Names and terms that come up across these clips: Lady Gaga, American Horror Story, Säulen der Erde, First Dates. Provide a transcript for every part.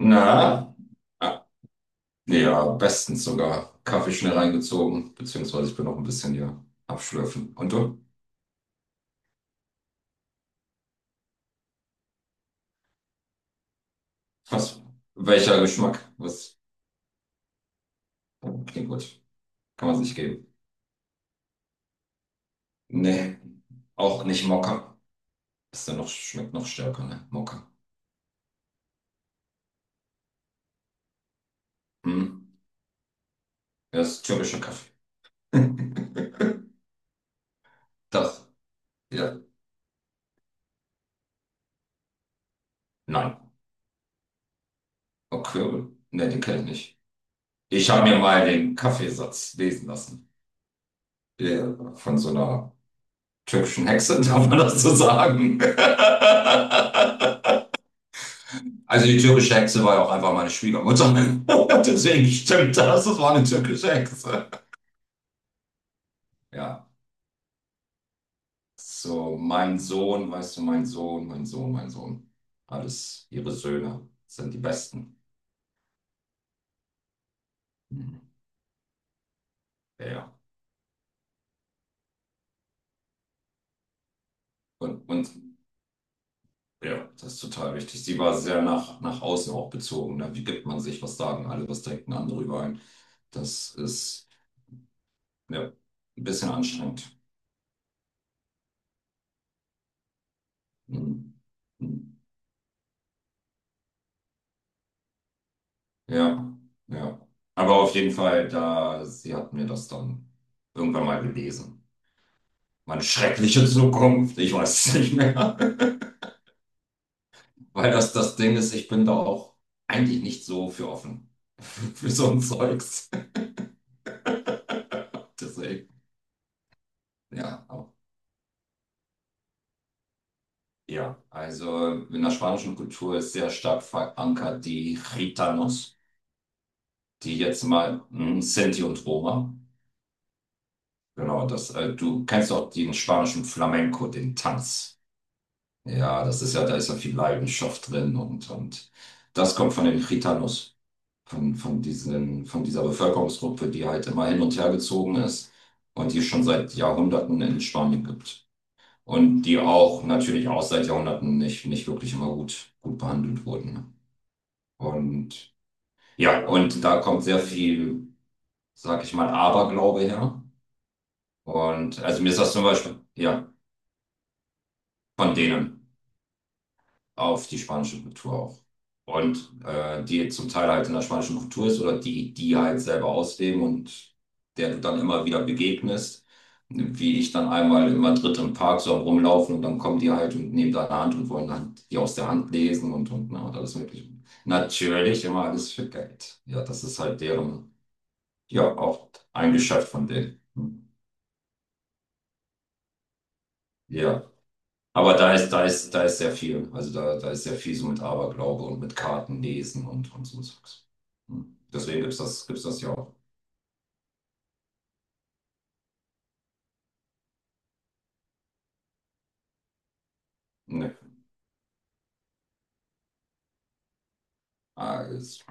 Na, ah, ja, bestens sogar. Kaffee schnell reingezogen, beziehungsweise ich bin noch ein bisschen hier abschlürfen. Und du? Was? Welcher Geschmack? Was? Klingt gut. Kann man sich geben. Nee, auch nicht Mokka. Ist ja noch, schmeckt noch stärker, ne? Mokka. Hm. Ja, ist türkischer Kaffee. Das, ja. Nein. Okay. Ne, den kenne ich nicht. Ich habe mir mal den Kaffeesatz lesen lassen. Ja, von so einer türkischen Hexe, darf man das so sagen? Also die türkische Hexe war ja auch einfach meine Schwiegermutter. Deswegen stimmt das, das war eine türkische Hexe. Ja, so mein Sohn, weißt du, mein Sohn. Alles ihre Söhne sind die Besten. Mhm. Ja, ja. Und ja, das ist total wichtig. Sie war sehr nach außen auch bezogen. Ne? Wie gibt man sich, was sagen alle, was denken andere über einen? Das ist, ja, ein bisschen anstrengend. Mhm. Mhm. Ja, ja. Aber auf jeden Fall, da, sie hat mir das dann irgendwann mal gelesen. Meine schreckliche Zukunft, ich weiß es nicht mehr. Weil das das Ding ist, ich bin da auch eigentlich nicht so für offen. Für so ein Zeugs. Deswegen, ja. Auch- ja, also in der spanischen Kultur ist sehr stark verankert die Gitanos, die jetzt mal hm, Sinti und Roma. Genau, das, du kennst auch den spanischen Flamenco, den Tanz. Ja, das ist ja, da ist ja viel Leidenschaft drin und das kommt von den Chitanus, von diesen, von dieser Bevölkerungsgruppe, die halt immer hin und her gezogen ist und die es schon seit Jahrhunderten in Spanien gibt. Und die auch natürlich auch seit Jahrhunderten nicht wirklich immer gut behandelt wurden. Und ja, und da kommt sehr viel, sag ich mal, Aberglaube her. Und also mir ist das zum Beispiel, ja, von denen. Auf die spanische Kultur auch. Und die zum Teil halt in der spanischen Kultur ist oder die halt selber ausleben und der du dann immer wieder begegnest, wie ich dann einmal in Madrid im Park so am rumlaufen und dann kommen die halt und nehmen deine Hand und wollen dann die aus der Hand lesen und alles Mögliche. Natürlich immer alles für Geld. Ja, das ist halt deren, ja, auch ein Geschäft von denen. Hm. Ja. Aber da ist sehr viel. Also da ist sehr viel so mit Aberglaube und mit Kartenlesen und so Zeugs. Hm. Deswegen gibt's das ja auch. Ne. Ah, jetzt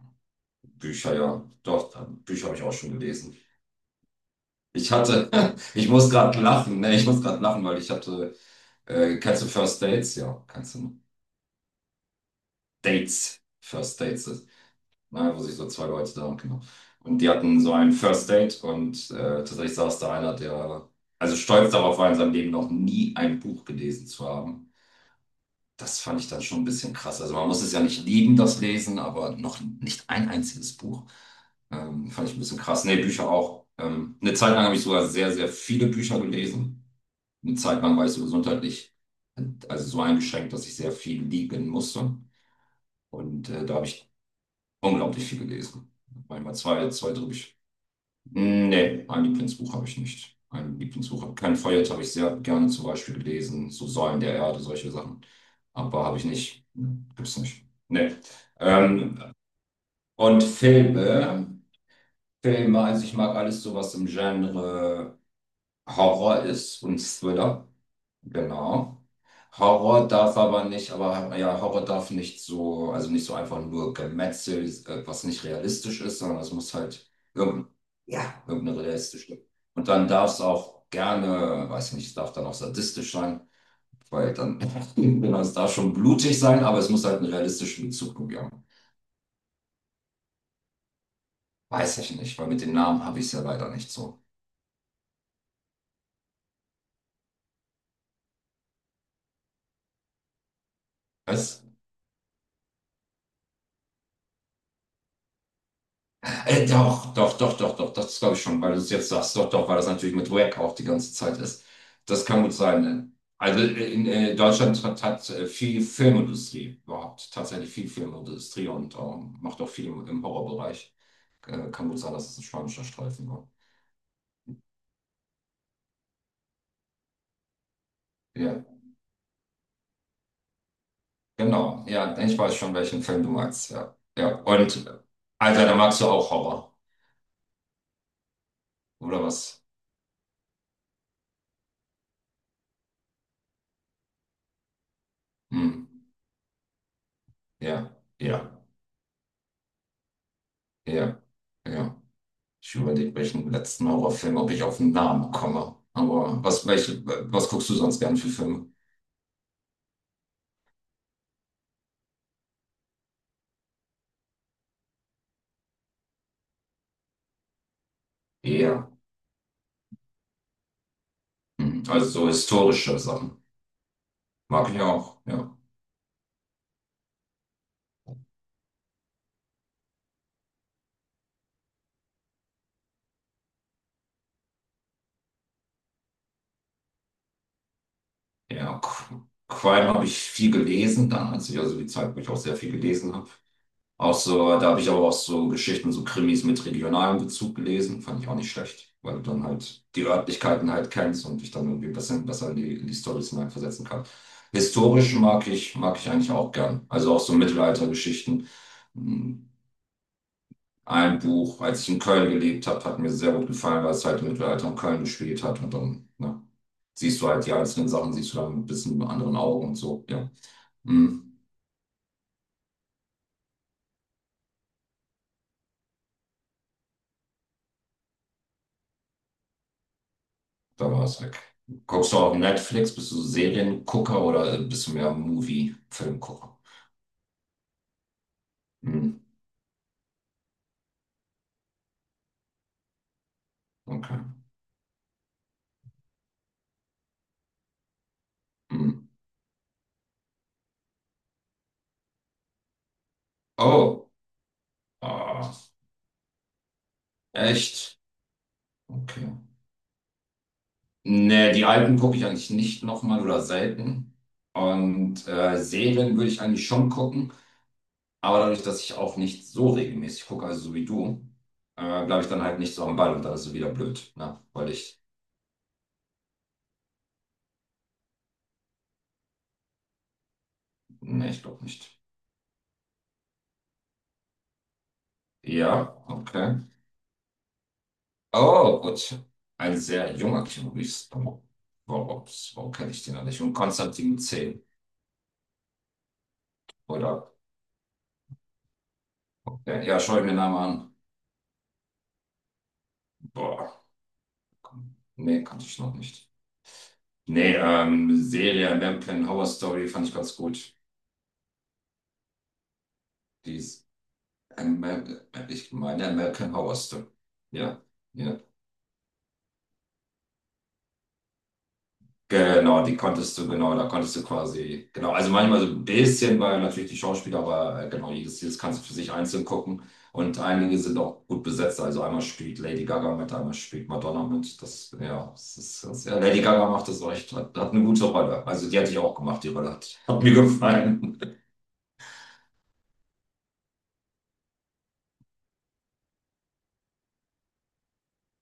Bücher, ja. Doch, Bücher habe ich auch schon gelesen. Ich hatte, ich muss gerade lachen, ne? Ich muss gerade lachen, weil kennst du First Dates? Ja, kennst du. Ne? Dates. First Dates. Ne, wo sich so zwei Leute da und genau. Und die hatten so ein First Date und tatsächlich saß da einer, der also stolz darauf war, in seinem Leben noch nie ein Buch gelesen zu haben. Das fand ich dann schon ein bisschen krass. Also man muss es ja nicht lieben, das Lesen, aber noch nicht ein einziges Buch. Fand ich ein bisschen krass. Nee, Bücher auch. Eine Zeit lang habe ich sogar sehr viele Bücher gelesen. Eine Zeit lang war ich so gesundheitlich, also so eingeschränkt, dass ich sehr viel liegen musste. Und da habe ich unglaublich viel gelesen. Manchmal drei Bücher. Nee, ein Lieblingsbuch habe ich nicht. Ein Lieblingsbuch habe kein Feuerlied habe ich sehr gerne zum Beispiel gelesen, so Säulen der Erde, solche Sachen. Aber habe ich nicht. Hm, gibt's nicht. Nee. Ähm, und Filme, Filme, also ich mag alles so, was im Genre Horror ist und Thriller. Genau. Horror darf aber nicht, aber ja, Horror darf nicht so, also nicht so einfach nur Gemetzel, was nicht realistisch ist, sondern es muss halt irgendein, ja, irgendeine realistische. Und dann darf es auch gerne, weiß nicht, es darf dann auch sadistisch sein, weil dann, genau, es darf schon blutig sein, aber es muss halt einen realistischen Bezug haben. Weiß ich nicht, weil mit den Namen habe ich es ja leider nicht so. Was? Doch, das glaube ich schon, weil du es jetzt sagst. Doch, weil das natürlich mit Wack auch die ganze Zeit ist. Das kann gut sein. Ne? Also in Deutschland hat viel Filmindustrie überhaupt, tatsächlich viel Filmindustrie und macht auch viel im Horrorbereich. Kann gut sein, dass es ein spanischer Streifen war. Ja, genau. Ja, ich weiß schon, welchen Film du meinst. Ja, ja. Und Alter, da magst du auch Horror, oder was? Hm. Ja, ja, ja, ja. Ich überlege, welchen letzten Horrorfilm, ob ich auf den Namen komme. Aber was, welche, was guckst du sonst gern für Filme? Ja. Hm, also so historische Sachen. Mag ich auch, ja. Ja, Qu- Crime habe ich viel gelesen, dann als ich also die Zeit, wo ich auch sehr viel gelesen habe. Auch so, da habe ich aber auch so Geschichten, so Krimis mit regionalem Bezug gelesen. Fand ich auch nicht schlecht, weil du dann halt die Örtlichkeiten halt kennst und dich dann irgendwie ein bisschen besser in in die Storys hineinversetzen kannst. Historisch mag ich eigentlich auch gern. Also auch so Mittelaltergeschichten. Hm, ein Buch, als ich in Köln gelebt habe, hat mir sehr gut gefallen, weil es halt im Mittelalter in Köln gespielt hat. Und dann, ne, siehst du halt die einzelnen Sachen, siehst du dann ein bisschen mit anderen Augen und so. Ja. Hm. Da war es weg. Guckst du auch Netflix? Bist du Seriengucker oder bist du mehr Movie-Filmgucker? Hm, okay. Hm. Oh, ah, echt? Okay. Nee, die alten gucke ich eigentlich nicht nochmal oder selten. Und Serien würde ich eigentlich schon gucken, aber dadurch, dass ich auch nicht so regelmäßig gucke, also so wie du, bleibe ich dann halt nicht so am Ball und dann ist es wieder blöd, ne? Weil ich, nee, ich glaube nicht. Ja, okay. Oh, gut. Ein sehr junger Chemist. Oh, Warum, warum kenne ich den noch nicht? Und Konstantin C. Oder, ja, ja, schau ich mir den Namen an. Boah, nee, kannte ich noch nicht. Nee, Serie American Horror Story fand ich ganz gut. Die ist, Amer- ich meine American Horror Story. Ja, ja. Genau, da konntest du quasi, genau, also manchmal so ein bisschen, weil natürlich die Schauspieler, aber genau, jedes kannst du für sich einzeln gucken. Und einige sind auch gut besetzt, also einmal spielt Lady Gaga mit, einmal spielt Madonna mit. Das, ja, das ist, das, ja, Lady Gaga macht das echt, hat eine gute Rolle. Also die hatte ich auch gemacht, hat mir gefallen.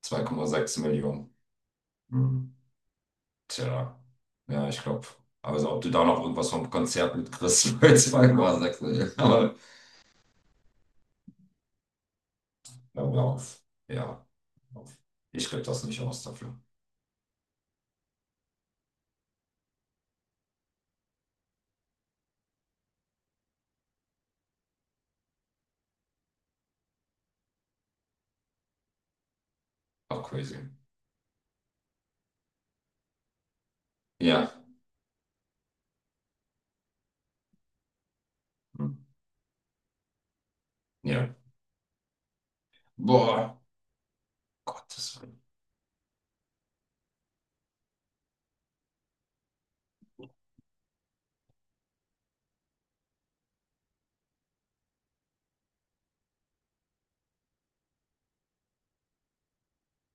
Zwei Komma sechs Millionen. Hm. Tja, ja, ich glaube. Also ob du da noch irgendwas vom Konzert mitkriegst, 2,6 Millionen. Aber Lauf. Ja. Lauf. Ich krieg das nicht aus dafür. Ach, crazy. Ja. Hm. Ja. Boah. Gottes Willen.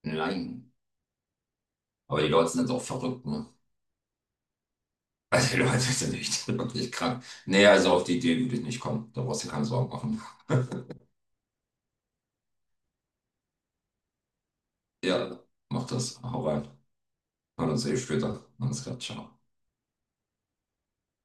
Nein. Aber die Leute sind auch verrückt, ne? Also die Leute sind echt wirklich krank. Nee, also auf die Idee würde ich nicht kommen. Da brauchst du dir keine Sorgen machen. Ja, mach das. Hau rein. Wir hören uns eh später. Alles klar, ciao.